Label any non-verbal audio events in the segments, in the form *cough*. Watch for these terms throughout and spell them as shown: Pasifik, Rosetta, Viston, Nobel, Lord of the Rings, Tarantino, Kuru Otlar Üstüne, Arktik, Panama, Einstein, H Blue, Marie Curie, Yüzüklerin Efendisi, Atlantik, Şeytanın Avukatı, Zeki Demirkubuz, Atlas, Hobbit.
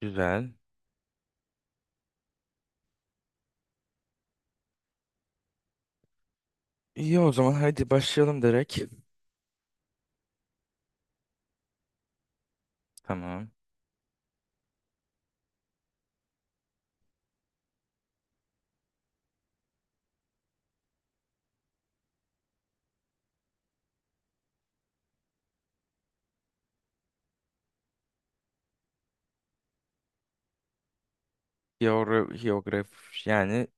Güzel. İyi o zaman hadi başlayalım direkt. Tamam. Hiyograf yani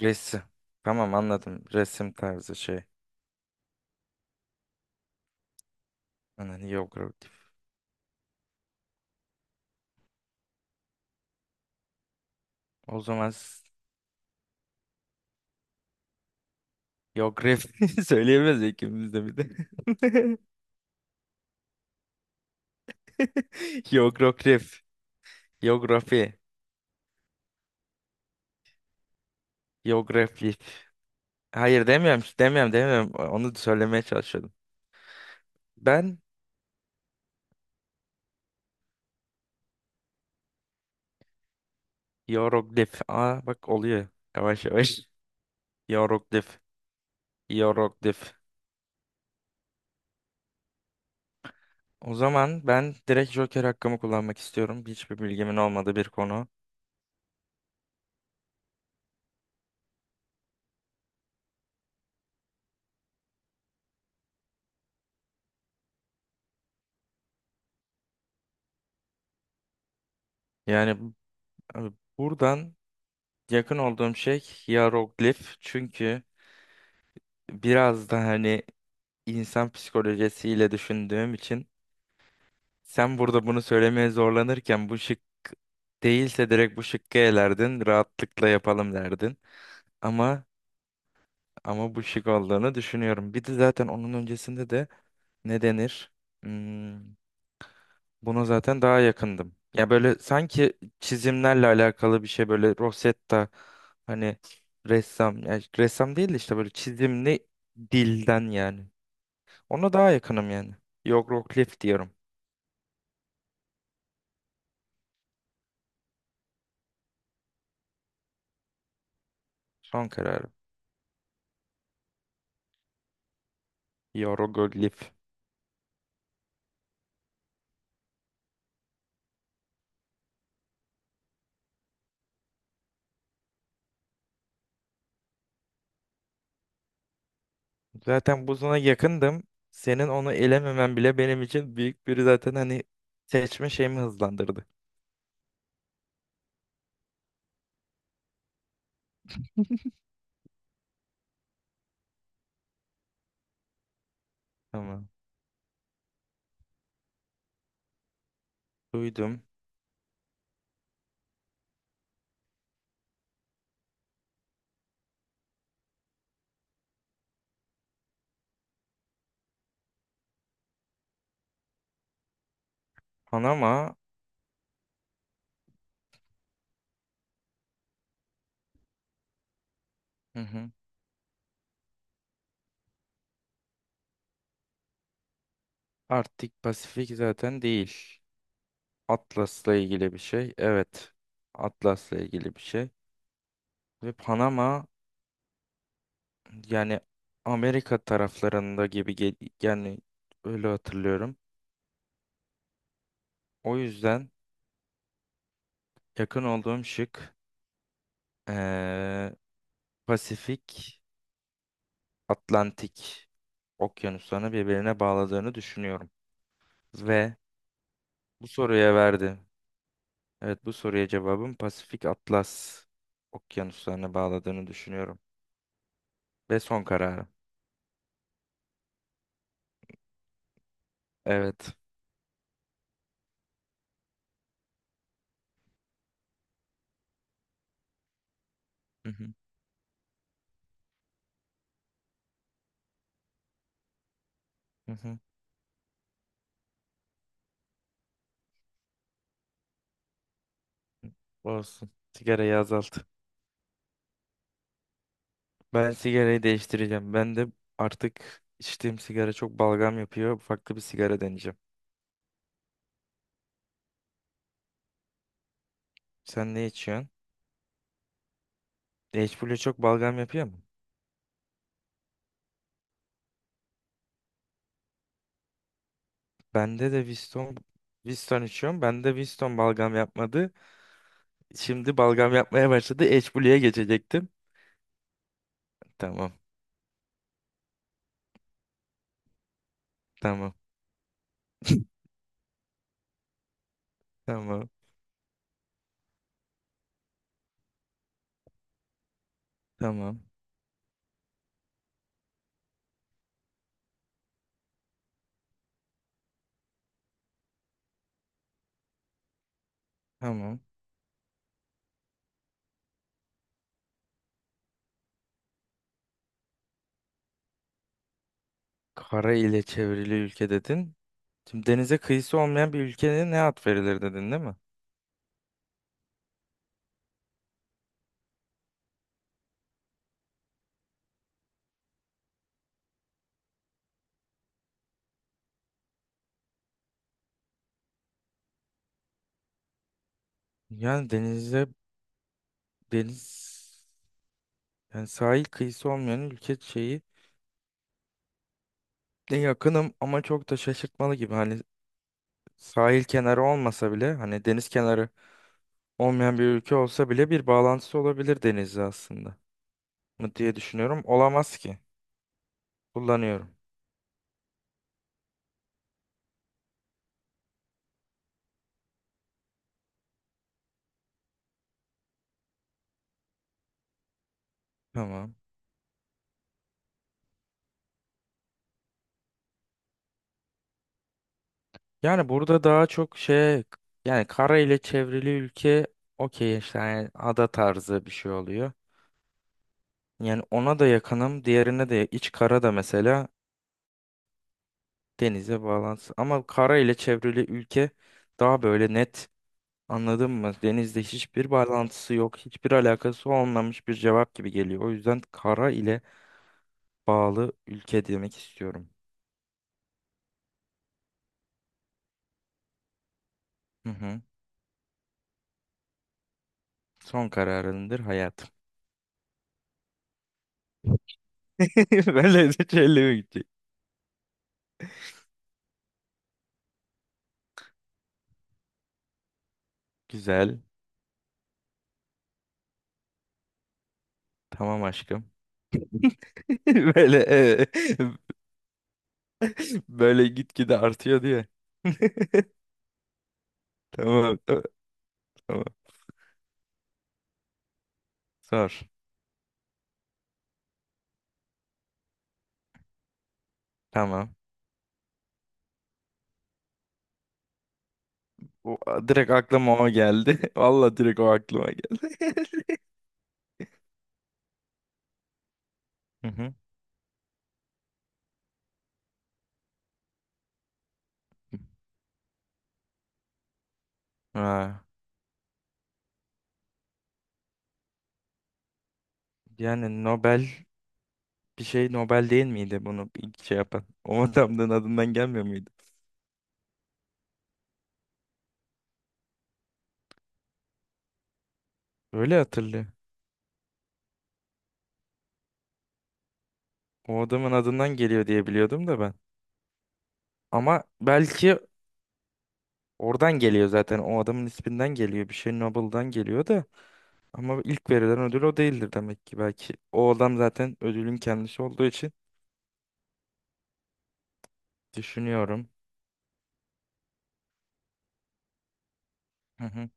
resim. Tamam, anladım. Resim tarzı şey. Anan hiyografik. O zaman hiyografi *laughs* söyleyemez ikimiz de bir de. *laughs* Hiyograf. Hiyografi. Hiyografi. Hayır, demiyorum. Demiyorum, demiyorum. Onu söylemeye çalışıyordum. Ben hiyoglif. Aa, bak, oluyor. Yavaş yavaş. Hiyoglif. Hiyoglif. O zaman ben direkt Joker hakkımı kullanmak istiyorum. Hiçbir bilgimin olmadığı bir konu. Yani buradan yakın olduğum şey hieroglif. Çünkü biraz da hani insan psikolojisiyle düşündüğüm için sen burada bunu söylemeye zorlanırken bu şık değilse direkt bu şıkkı elerdin. Rahatlıkla yapalım derdin. Ama ama bu şık olduğunu düşünüyorum. Bir de zaten onun öncesinde de ne denir? Hmm, Buna zaten daha yakındım. Ya böyle sanki çizimlerle alakalı bir şey, böyle Rosetta, hani ressam, yani ressam değil de işte böyle çizimli dilden yani. Ona daha yakınım yani. Hieroglif diyorum. Son kararım. Hieroglif. Zaten bu sana yakındım. Senin onu elememen bile benim için büyük bir, zaten hani, seçme şeyimi hızlandırdı. Tamam. Duydum. Panama. Hı hı. Arktik Pasifik zaten değil. Atlas'la ilgili bir şey. Evet. Atlas'la ilgili bir şey. Ve Panama, yani Amerika taraflarında gibi yani öyle hatırlıyorum. O yüzden yakın olduğum şık eee, Pasifik, Atlantik okyanuslarını birbirine bağladığını düşünüyorum. Ve bu soruya verdi. Evet, bu soruya cevabım Pasifik Atlas okyanuslarını bağladığını düşünüyorum. Ve son kararım. Evet. Hı hı. Hı hı. Olsun. Sigarayı azalt. Ben sigarayı değiştireceğim. Ben de artık içtiğim sigara çok balgam yapıyor. Farklı bir sigara deneyeceğim. Sen ne içiyorsun? H Blue çok balgam yapıyor mu? Bende de Viston içiyorum. Bende Viston balgam yapmadı. Şimdi balgam yapmaya başladı. H Blue'ya geçecektim. Tamam. Tamam. Tamam. Tamam. Tamam. Kara ile çevrili ülke dedin. Şimdi denize kıyısı olmayan bir ülkeye ne ad verilir dedin, değil mi? Yani denize deniz Yani sahil kıyısı olmayan ülke şeyi de yakınım, ama çok da şaşırtmalı gibi. Hani sahil kenarı olmasa bile, hani deniz kenarı olmayan bir ülke olsa bile bir bağlantısı olabilir denizle aslında mı diye düşünüyorum. Olamaz ki. Kullanıyorum. Tamam. Yani burada daha çok şey, yani kara ile çevrili ülke, okey işte, yani ada tarzı bir şey oluyor. Yani ona da yakınım. Diğerine de, iç kara da mesela, denize bağlantısı. Ama kara ile çevrili ülke daha böyle net. Anladın mı? Denizle hiçbir bağlantısı yok, hiçbir alakası olmamış bir cevap gibi geliyor. O yüzden kara ile bağlı ülke demek istiyorum. Hı hı. Son kararındır hayat. *laughs* Böyle de seçelim gidecek. Güzel. Tamam aşkım. *laughs* Böyle böyle gitgide artıyor diye. *laughs* Tamam, tamam, tamam. Sor. Tamam. O, direkt aklıma o geldi. *laughs* Vallahi direkt o aklıma geldi. *laughs* Hı hı. Ha. Yani Nobel Bir şey Nobel değil miydi bunu ilk şey yapan? O adamın adından gelmiyor muydu? Öyle hatırlıyor. O adamın adından geliyor diye biliyordum da ben. Ama belki oradan geliyor zaten. O adamın isminden geliyor. Bir şey Nobel'dan geliyor da. Ama ilk verilen ödül o değildir demek ki. Belki o adam zaten ödülün kendisi olduğu için düşünüyorum. Hı hı.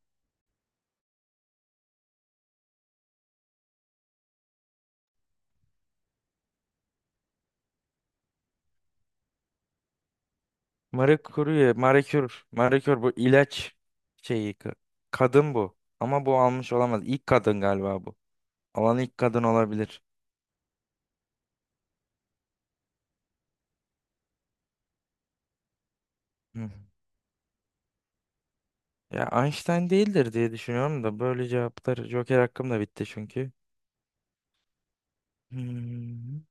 Marie Curie, Marie Curie, Marie Curie bu ilaç şeyi. Kadın bu. Ama bu almış olamaz. İlk kadın galiba bu. Alan ilk kadın olabilir. Ya, Einstein değildir diye düşünüyorum da, böyle cevaplar. Joker hakkım da bitti çünkü. Hmm.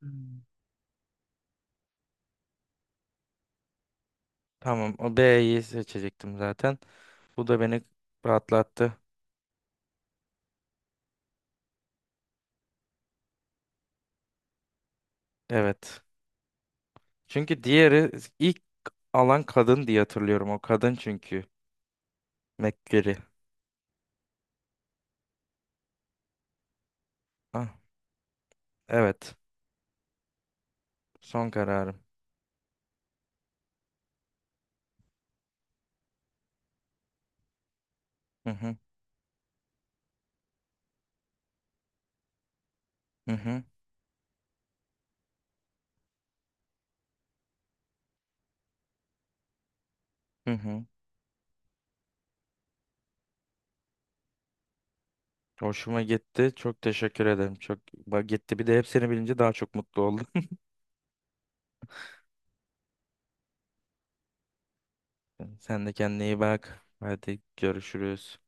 Tamam, o B'yi seçecektim zaten. Bu da beni rahatlattı. Evet. Çünkü diğeri ilk alan kadın diye hatırlıyorum. O kadın çünkü. McCreary. Ah, evet. Son kararım. Hı hı, hı hı, hı hı. Hoşuma gitti. Çok teşekkür ederim. Çok, bak, gitti. Bir de hepsini bilince daha çok mutlu oldum. *laughs* Sen de kendine iyi bak. Hadi görüşürüz.